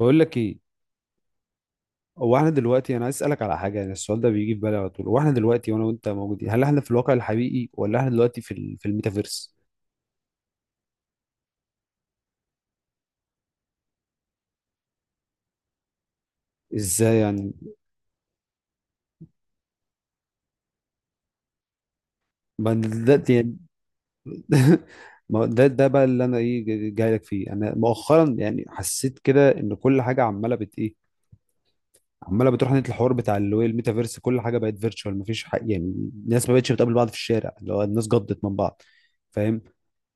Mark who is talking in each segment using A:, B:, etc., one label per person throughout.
A: بقول لك ايه. هو احنا دلوقتي انا عايز اسالك على حاجه، يعني السؤال ده بيجي في بالي على طول. هو احنا دلوقتي وانا وانت موجودين، هل احنا في الواقع الحقيقي ولا احنا دلوقتي في الميتافيرس؟ ازاي يعني؟ ما يعني ما هو ده ده بقى اللي انا ايه، جاي لك فيه. انا مؤخرا يعني حسيت كده ان كل حاجه عماله بت ايه، عماله بتروح ناحيه الحوار بتاع اللي هو الميتافيرس. كل حاجه بقت فيرتشوال، مفيش حق يعني. الناس ما بقتش بتقابل بعض في الشارع، اللي هو الناس جضت من بعض. فاهم؟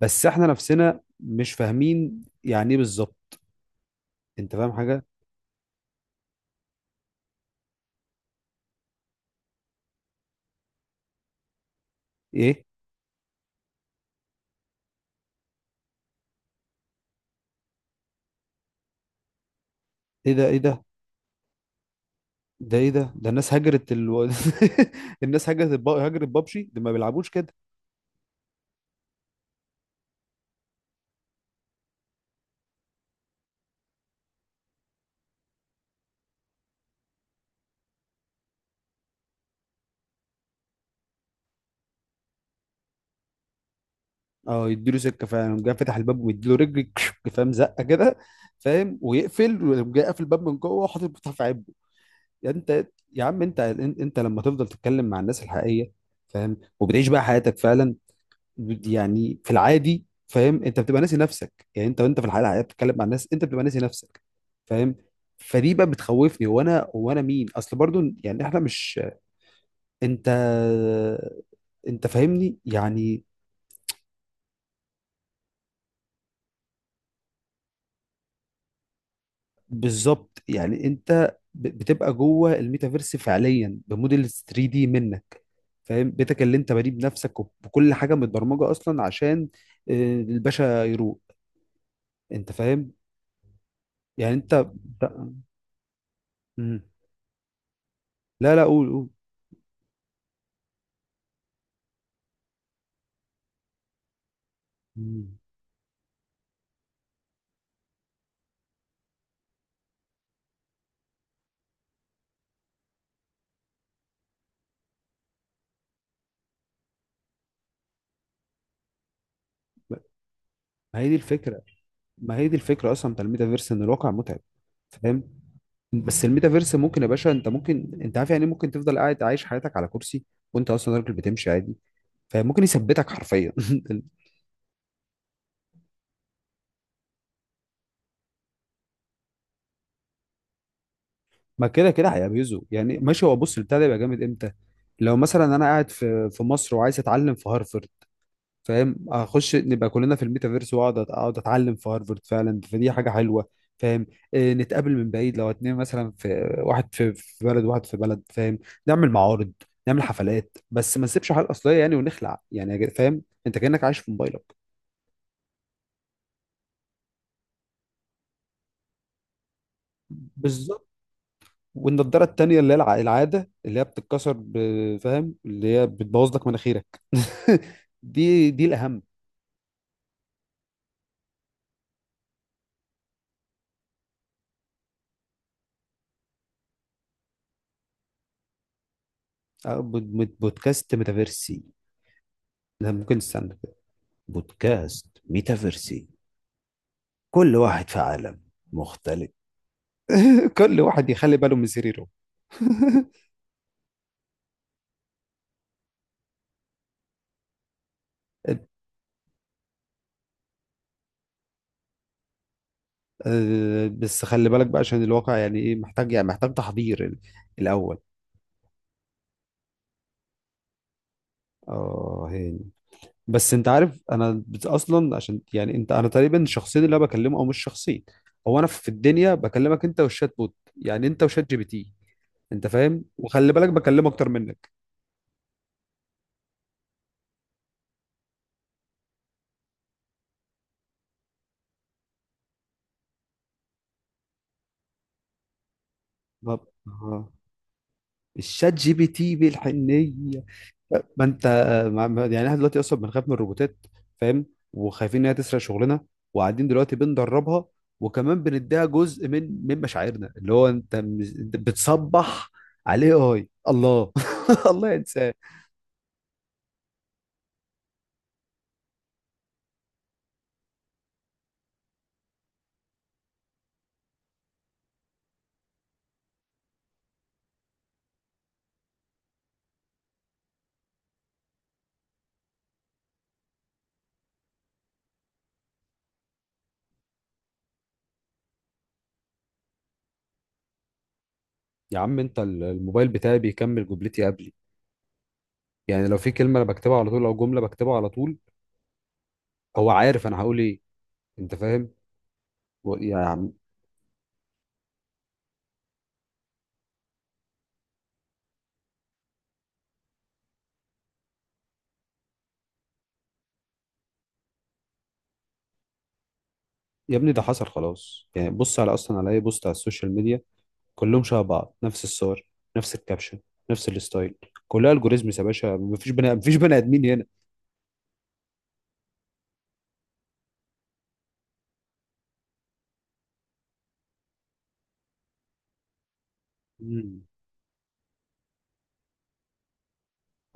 A: بس احنا نفسنا مش فاهمين يعني ايه بالظبط. انت فاهم حاجه؟ ايه؟ ايه ده؟ ايه ده؟ ده ايه ده الناس هجرت الناس هجرت بابجي. دول ما بيلعبوش كده. اه، يديله سكه. فاهم؟ قام جاي فتح الباب ومديله رجل كشك، فاهم، زقه كده، فاهم، ويقفل، وقام جاي قافل الباب من جوه وحاطط المفتاح في عبه. يعني انت، يا عم انت لما تفضل تتكلم مع الناس الحقيقيه، فاهم، وبتعيش بقى حياتك فعلا، يعني في العادي، فاهم، انت بتبقى ناسي نفسك. يعني انت وانت في الحياه الحقيقيه بتتكلم مع الناس انت بتبقى ناسي نفسك. فاهم؟ فدي بقى بتخوفني، هو انا مين اصل برضو، يعني احنا مش، انت، انت فاهمني يعني؟ بالظبط. يعني انت بتبقى جوه الميتافيرس فعليا بموديل 3 دي منك. فاهم؟ بيتك اللي انت بنيه بنفسك، وبكل حاجه متبرمجه اصلا عشان آه، الباشا يروق. انت فاهم؟ يعني انت، أنت- مم. لا لا، قول. مم. ما هي دي الفكره. ما هي دي الفكره اصلا بتاع الميتافيرس، ان الواقع متعب. فاهم؟ بس الميتافيرس ممكن يا باشا، انت ممكن انت عارف يعني إيه، ممكن تفضل قاعد عايش حياتك على كرسي وانت اصلا راجل بتمشي عادي. فممكن يثبتك حرفيا. ما كده كده هيبيزه يعني، ماشي. هو بص، البتاع ده يبقى جامد امتى؟ لو مثلا انا قاعد في مصر وعايز اتعلم في هارفرد، فاهم، اخش نبقى كلنا في الميتافيرس واقعد أت- اقعد اتعلم في هارفرد فعلا، فدي حاجه حلوه. فاهم؟ إيه، نتقابل من بعيد، لو اتنين مثلا، في واحد في بلد واحد في بلد، فاهم. نعمل معارض، نعمل حفلات، بس ما نسيبش حاجه اصليه يعني، ونخلع يعني يا فاهم انت كانك عايش في موبايلك. بالظبط. والنضاره التانيه اللي هي العاده اللي هي بتتكسر فاهم اللي هي بتبوظ لك مناخيرك دي الاهم. أه، بودكاست ميتافيرسي؟ ده ممكن، استنى كده. بودكاست ميتافيرسي. كل واحد في عالم مختلف. كل واحد يخلي باله من سريره. آه، بس خلي بالك بقى عشان الواقع، يعني ايه، محتاج يعني محتاج تحضير الاول. اه، هاني. بس انت عارف انا اصلا، عشان يعني انت، انا تقريبا الشخصين اللي انا بكلمه، او مش شخصين، هو انا في الدنيا بكلمك انت والشات بوت، يعني انت وشات جي بي تي. انت فاهم؟ وخلي بالك بكلمه اكتر منك. طب آه. الشات جي بي تي بالحنيه. ما انت، يعني احنا دلوقتي اصلا بنخاف من الروبوتات، فاهم، وخايفين ان هي تسرق شغلنا، وقاعدين دلوقتي بندربها، وكمان بنديها جزء من مشاعرنا، اللي هو انت انت بتصبح عليه اي الله الله ينساه. يا عم انت الموبايل بتاعي بيكمل جملتي قبلي. يعني لو في كلمه انا بكتبها على طول، او جمله بكتبها على طول، هو عارف انا هقول ايه. انت فاهم؟ يا عم. يا ابني ده حصل خلاص يعني. بص على، اصلا على اي بوست على السوشيال ميديا، كلهم شبه بعض، نفس الصور، نفس الكابشن، نفس الستايل، كلها الجوريزمز يا باشا، مفيش بني ادمين هنا. مم.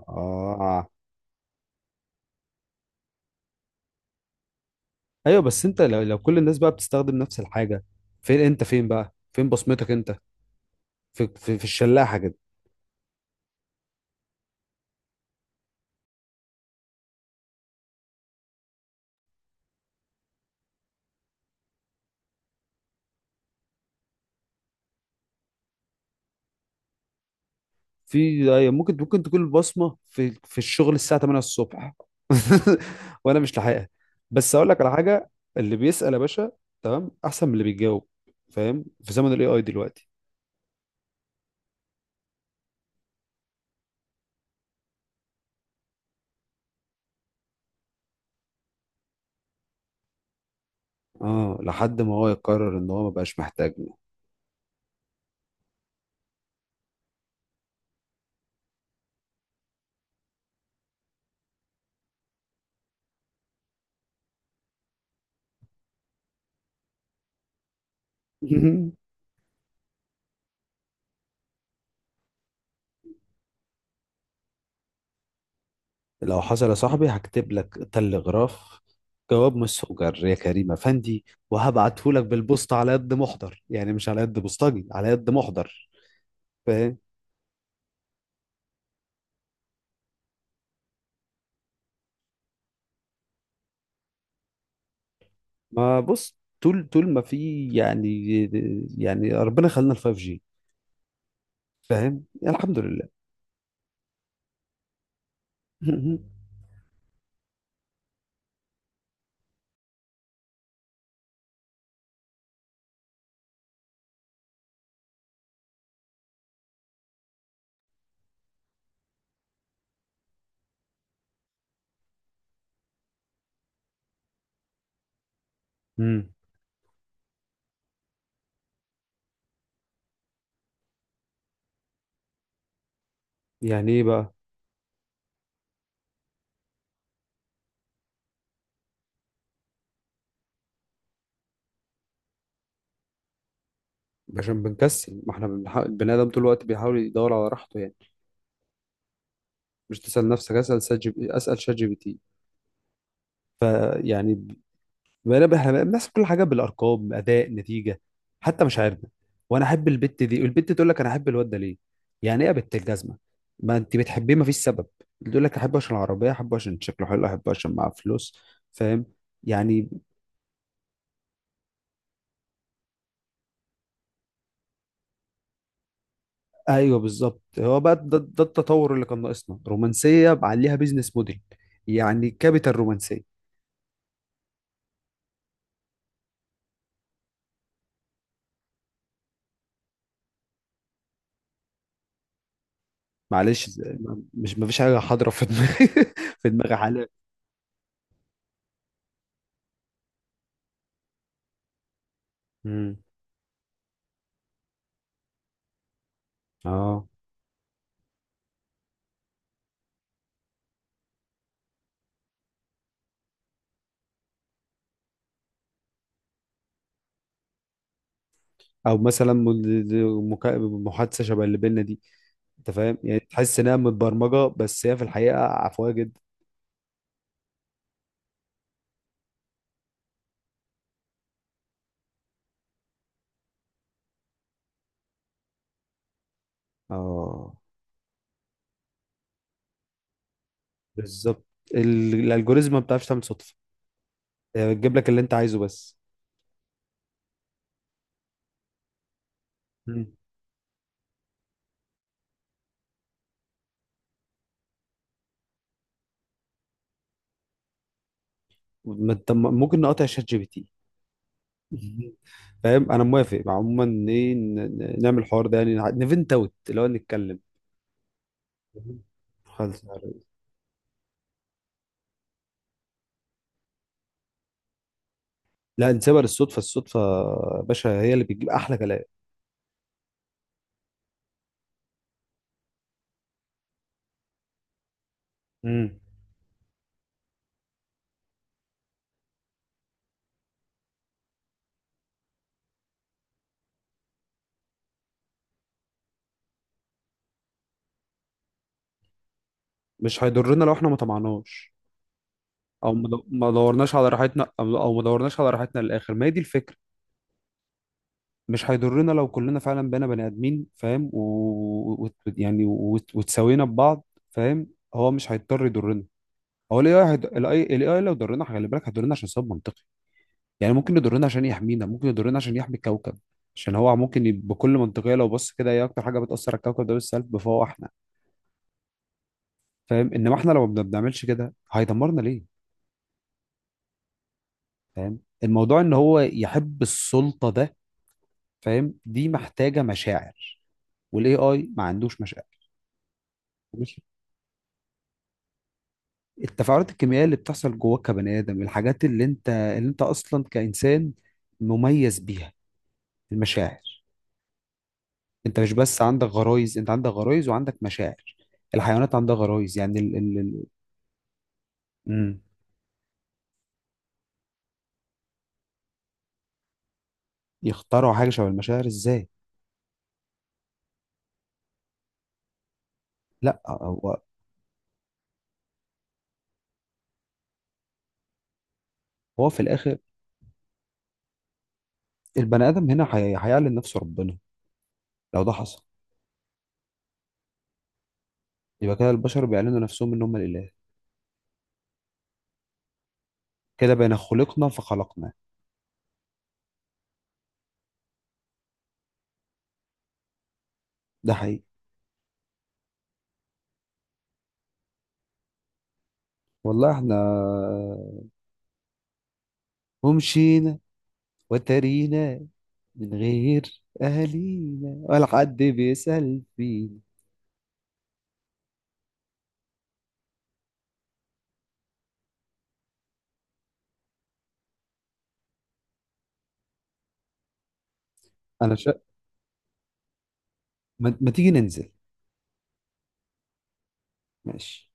A: اه. ايوه، بس انت لو، لو كل الناس بقى بتستخدم نفس الحاجه، فين انت؟ فين بقى فين بصمتك انت؟ في في الشلاحه كده. في أيوة، ممكن، ممكن تكون بصمه في الشغل الساعه 8 الصبح وانا مش لاحقها. بس اقول لك على حاجه، اللي بيسال يا باشا تمام احسن من اللي بيجاوب. فاهم؟ في زمن الاي اي دلوقتي. اه، لحد ما هو يقرر ان هو مبقاش محتاجنا. لو حصل يا صاحبي هكتب لك تلغراف، جواب مسجر يا كريم افندي، وهبعته لك بالبوسطه على قد محضر يعني، مش على قد بوسطجي، على قد محضر. فاهم؟ ما بص، طول ما في يعني، يعني ربنا خلينا الفايف جي، فاهم، يعني الحمد لله. امم. يعني ايه بقى؟ عشان بنكسل، ما احنا بنحاول، البني ادم طول الوقت بيحاول يدور على راحته يعني. مش تسال نفسك، اسال شات جي بي، اسال شات جي بي تي. فيعني بنبه الناس كل حاجه بالارقام، اداء، نتيجه، حتى مشاعرنا. وانا احب البت دي، والبت تقول لك انا احب الواد ده ليه، يعني ايه يا بنت الجزمه؟ ما انت بتحبيه، ما فيش سبب. تقول لك احبه عشان العربيه، احبه عشان شكله حلو، احبه عشان معاه فلوس. فاهم؟ يعني، ايوه بالظبط، هو بقى ده التطور اللي كان ناقصنا، رومانسيه عليها بيزنس موديل، يعني كابيتال رومانسيه. معلش، مش، ما فيش حاجه حاضره في دماغي في دماغي حاليا. امم. اه. او مثلا محادثه شبه اللي بينا دي، انت فاهم، يعني تحس انها متبرمجه بس هي في الحقيقه عفويه جدا. اه بالظبط. الالجوريزم ما بتعرفش تعمل صدفه، هي بتجيب لك اللي انت عايزه بس. مم. ما انت ممكن نقاطع شات جي بي تي. فاهم؟ انا موافق عموما، ايه نعمل الحوار ده يعني، نفنت اوت اللي هو نتكلم. مم. خالص يا ريس. لا، نسيبها للصدفه. الصدفه يا باشا هي اللي بتجيب احلى كلام. مم. مش هيضرنا لو احنا ما طمعناش، او ما دورناش على راحتنا، او ما دورناش على راحتنا للاخر، ما هي دي الفكره. مش هيضرنا لو كلنا فعلا بقينا بني ادمين، فاهم، و... و... يعني وتساوينا ببعض، فاهم. هو مش هيضطر يضرنا. هو الاي اي، الاي اي لو ضرنا خلي بالك هيضرنا عشان سبب منطقي، يعني ممكن يضرنا عشان يحمينا، ممكن يضرنا عشان يحمي الكوكب، عشان هو ممكن بكل منطقيه لو بص كده، ايه اكتر حاجه بتاثر على الكوكب ده بالسلب؟ فهو احنا. فاهم؟ انما احنا لو ما بنعملش كده هيدمرنا ليه؟ فاهم؟ الموضوع ان هو يحب السلطه ده، فاهم، دي محتاجه مشاعر، والاي اي ما عندوش مشاعر. مش، التفاعلات الكيميائيه اللي بتحصل جواك كبني ادم، الحاجات اللي انت اصلا كانسان مميز بيها، المشاعر. انت مش بس عندك غرايز، انت عندك غرايز وعندك مشاعر. الحيوانات عندها غرايز يعني. ال ال ال مم. يخترعوا حاجه شبه المشاعر ازاي؟ لا هو، هو في الاخر البني ادم هنا هيعلن نفسه ربنا. لو ده حصل يبقى كده البشر بيعلنوا نفسهم ان هم الاله، كده بين خلقنا فخلقنا. ده حقيقي. والله احنا ومشينا وترينا من غير اهالينا، ولا حد بيسأل فينا. انا ما تيجي ننزل؟ ماشي.